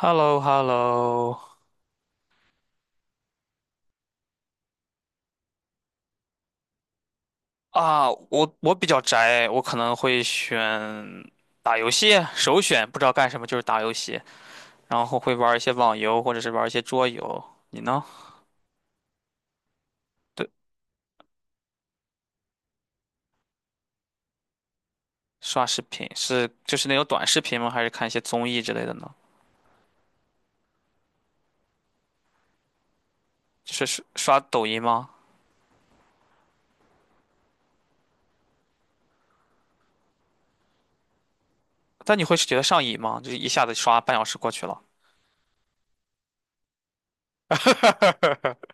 h e l l o h e l l o 啊，我比较宅，我可能会选打游戏，首选不知道干什么就是打游戏，然后会玩一些网游或者是玩一些桌游。你呢？对，刷视频是就是那种短视频吗？还是看一些综艺之类的呢？就是刷刷抖音吗？但你会觉得上瘾吗？就是一下子刷半小时过去了。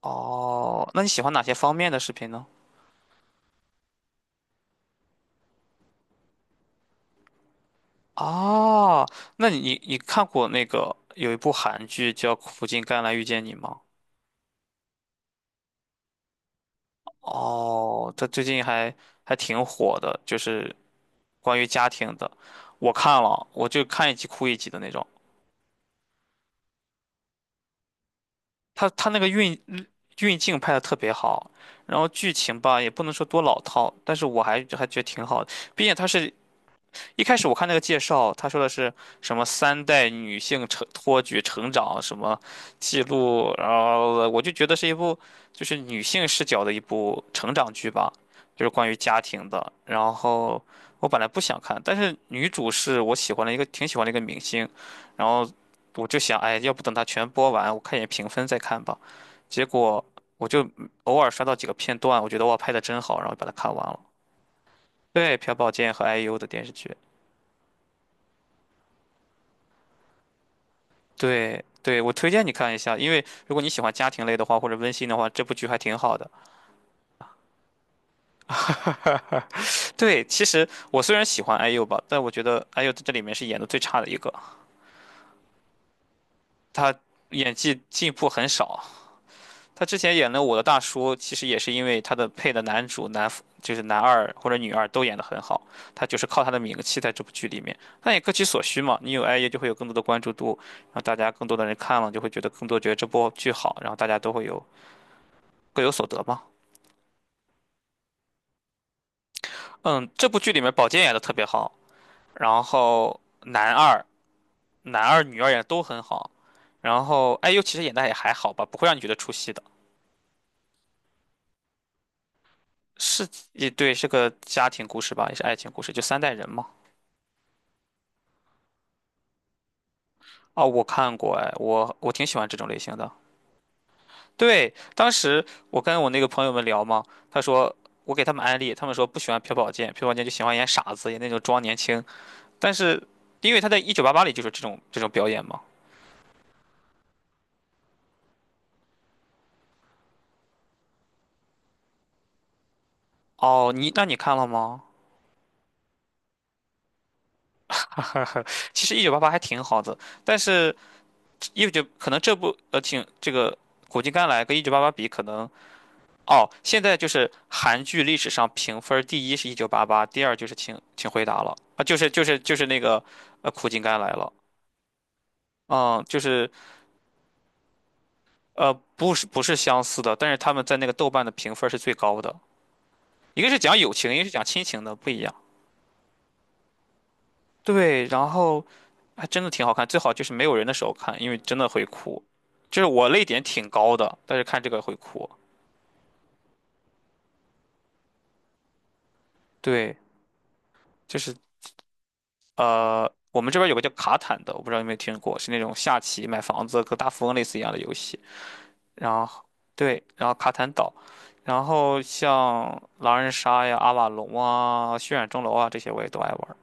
哦，那你喜欢哪些方面的视频呢？哦，那你看过那个有一部韩剧叫《苦尽甘来遇见你》吗？哦，它最近还挺火的，就是关于家庭的。我看了，我就看一集哭一集的那种。它那个运镜拍的特别好，然后剧情吧也不能说多老套，但是我还觉得挺好的。毕竟它是一开始我看那个介绍，他说的是什么三代女性成托举成长什么记录，然后我就觉得是一部就是女性视角的一部成长剧吧，就是关于家庭的。然后我本来不想看，但是女主是我喜欢的一个挺喜欢的一个明星，然后我就想，哎，要不等它全播完，我看一眼评分再看吧。结果我就偶尔刷到几个片段，我觉得哇，拍的真好，然后把它看完了。对，朴宝剑和 IU 的电视剧。对对，我推荐你看一下，因为如果你喜欢家庭类的话，或者温馨的话，这部剧还挺好的。对，其实我虽然喜欢 IU 吧，但我觉得 IU 在这里面是演的最差的一个，他演技进步很少。他之前演了《我的大叔》，其实也是因为他的配的男主男就是男二或者女二都演得很好，他就是靠他的名气在这部剧里面。但也各取所需嘛，你有 IU 就会有更多的关注度，然后大家更多的人看了就会觉得更多觉得这部剧好，然后大家都会有各有所得嘛。嗯，这部剧里面宝剑演的特别好，然后男二、男二、女二演的都很好，然后 IU 其实演的也还好吧，不会让你觉得出戏的。是，也对，是个家庭故事吧，也是爱情故事，就三代人嘛。哦，我看过，哎，我挺喜欢这种类型的。对，当时我跟我那个朋友们聊嘛，他说我给他们安利，他们说不喜欢朴宝剑，朴宝剑就喜欢演傻子，演那种装年轻。但是因为他在《一九八八》里就是这种表演嘛。哦，那你看了吗？哈哈哈，其实一九八八还挺好的，但是一九可能这部挺这个苦尽甘来跟一九八八比，可能哦，现在就是韩剧历史上评分第一是一九八八，第二就是请回答了啊，就是那个苦尽甘来了，嗯，就是不是相似的，但是他们在那个豆瓣的评分是最高的，一个是讲友情，一个是讲亲情的，不一样。对，然后还真的挺好看，最好就是没有人的时候看，因为真的会哭。就是我泪点挺高的，但是看这个会哭。对，就是我们这边有个叫卡坦的，我不知道有没有听过，是那种下棋、买房子跟大富翁类似一样的游戏。然后对，然后卡坦岛，然后像狼人杀呀、阿瓦隆啊、血染钟楼啊这些我也都爱玩儿。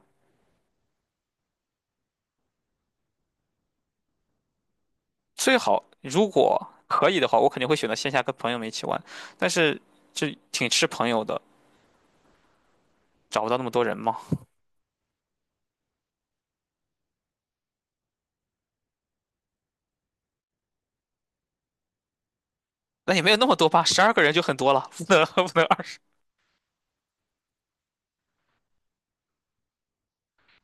最好如果可以的话，我肯定会选择线下跟朋友们一起玩，但是就挺吃朋友的，找不到那么多人嘛。那也没有那么多吧，十二个人就很多了，不能 不能20。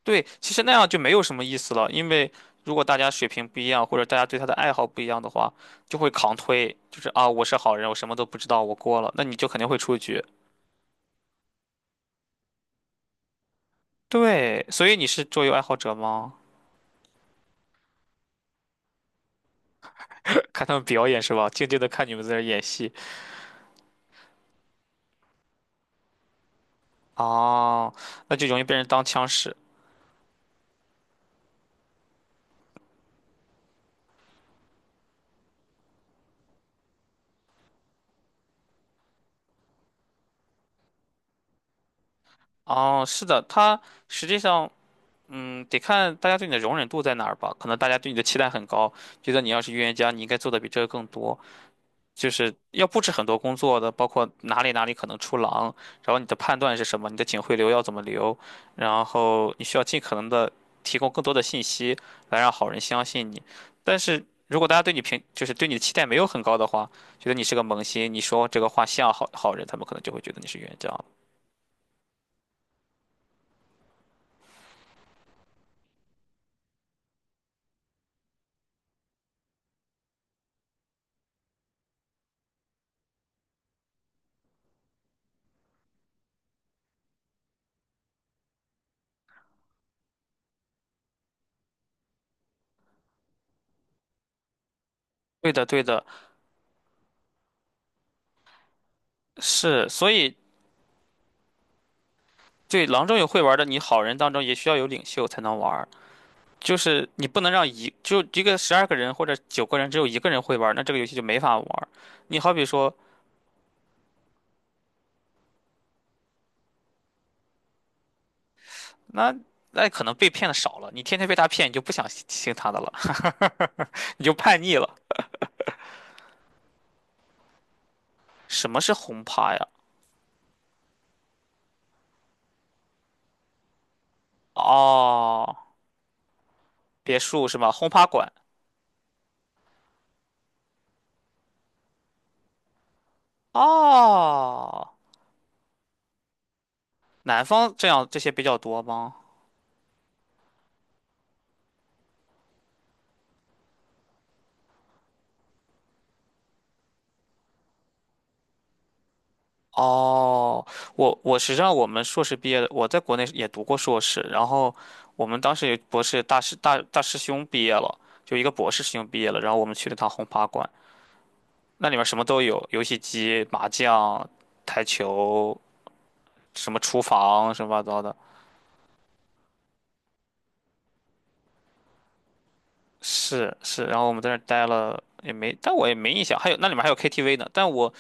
对，其实那样就没有什么意思了，因为如果大家水平不一样，或者大家对他的爱好不一样的话，就会扛推，就是啊，我是好人，我什么都不知道，我过了，那你就肯定会出局。对，所以你是桌游爱好者吗？看他们表演是吧？静静的看你们在这儿演戏。哦，那就容易被人当枪使。哦，是的，他实际上，得看大家对你的容忍度在哪儿吧。可能大家对你的期待很高，觉得你要是预言家，你应该做的比这个更多。就是要布置很多工作的，包括哪里哪里可能出狼，然后你的判断是什么，你的警徽流要怎么留，然后你需要尽可能的提供更多的信息来让好人相信你。但是如果大家对你评，就是对你的期待没有很高的话，觉得你是个萌新，你说这个话像好人，他们可能就会觉得你是冤家对的，对的，是，所以对狼中有会玩的，你好人当中也需要有领袖才能玩。就是你不能让一个十二个人或者9个人只有一个人会玩那这个游戏就没法玩你好比说，那那可能被骗的少了，你天天被他骗，你就不想听他的了，你就叛逆了。什么是轰趴呀？哦，别墅是吧？轰趴馆。哦，南方这些比较多吗？哦，我实际上我们硕士毕业的，我在国内也读过硕士，然后我们当时有博士大师兄毕业了，就一个博士师兄毕业了，然后我们去了趟轰趴馆，那里面什么都有，游戏机、麻将、台球，什么厨房什么乱七八糟的，是是，然后我们在那儿待了也没，但我也没印象，还有那里面还有 KTV 呢，但我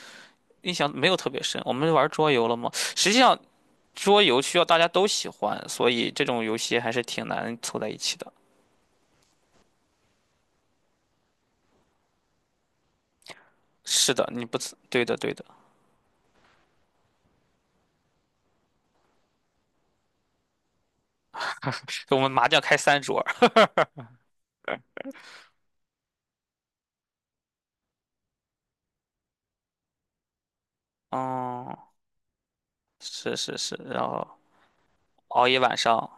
印象没有特别深。我们玩桌游了吗？实际上桌游需要大家都喜欢，所以这种游戏还是挺难凑在一起的。是的，你不吃，对的，对的。我们麻将开3桌儿，哦，是是是，然后熬一晚上，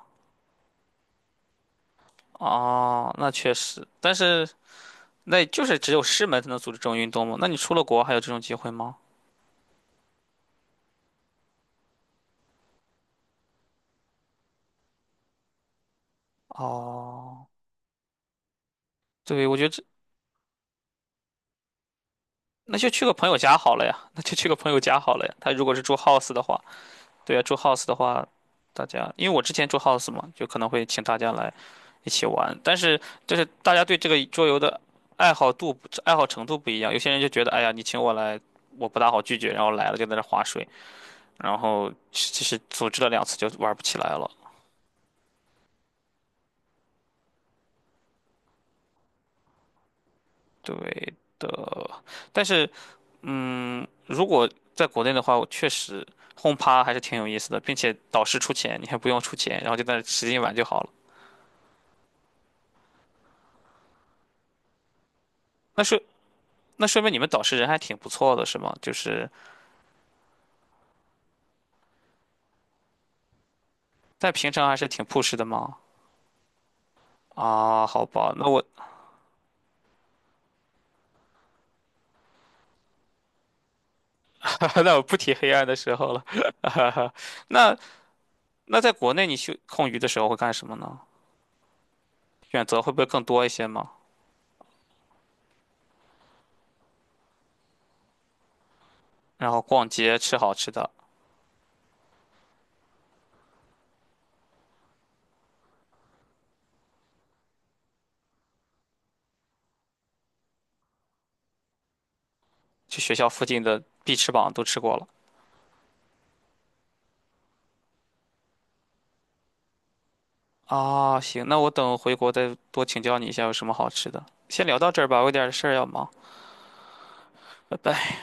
哦，那确实，但是那就是只有师门才能组织这种运动吗？那你出了国还有这种机会吗？哦，对，我觉得这那就去个朋友家好了呀，那就去个朋友家好了呀。他如果是住 house 的话。对啊，住 house 的话，大家因为我之前住 house 嘛，就可能会请大家来一起玩，但是就是大家对这个桌游的爱好度、爱好程度不一样，有些人就觉得，哎呀，你请我来，我不大好拒绝，然后来了就在那划水，然后其实组织了2次就玩不起来了。对，但是如果在国内的话，我确实轰趴还是挺有意思的，并且导师出钱，你还不用出钱，然后就在那使劲玩就好了。那说那说明你们导师人还挺不错的，是吗？就是。在平常还是挺朴实的嘛。啊，好吧，那我 那我不提黑暗的时候了。那那在国内你去空余的时候会干什么呢？选择会不会更多一些吗？然后逛街、吃好吃的，去学校附近的必吃榜都吃过了。啊，行，那我等回国再多请教你一下有什么好吃的。先聊到这儿吧，我有点事儿要忙，拜拜。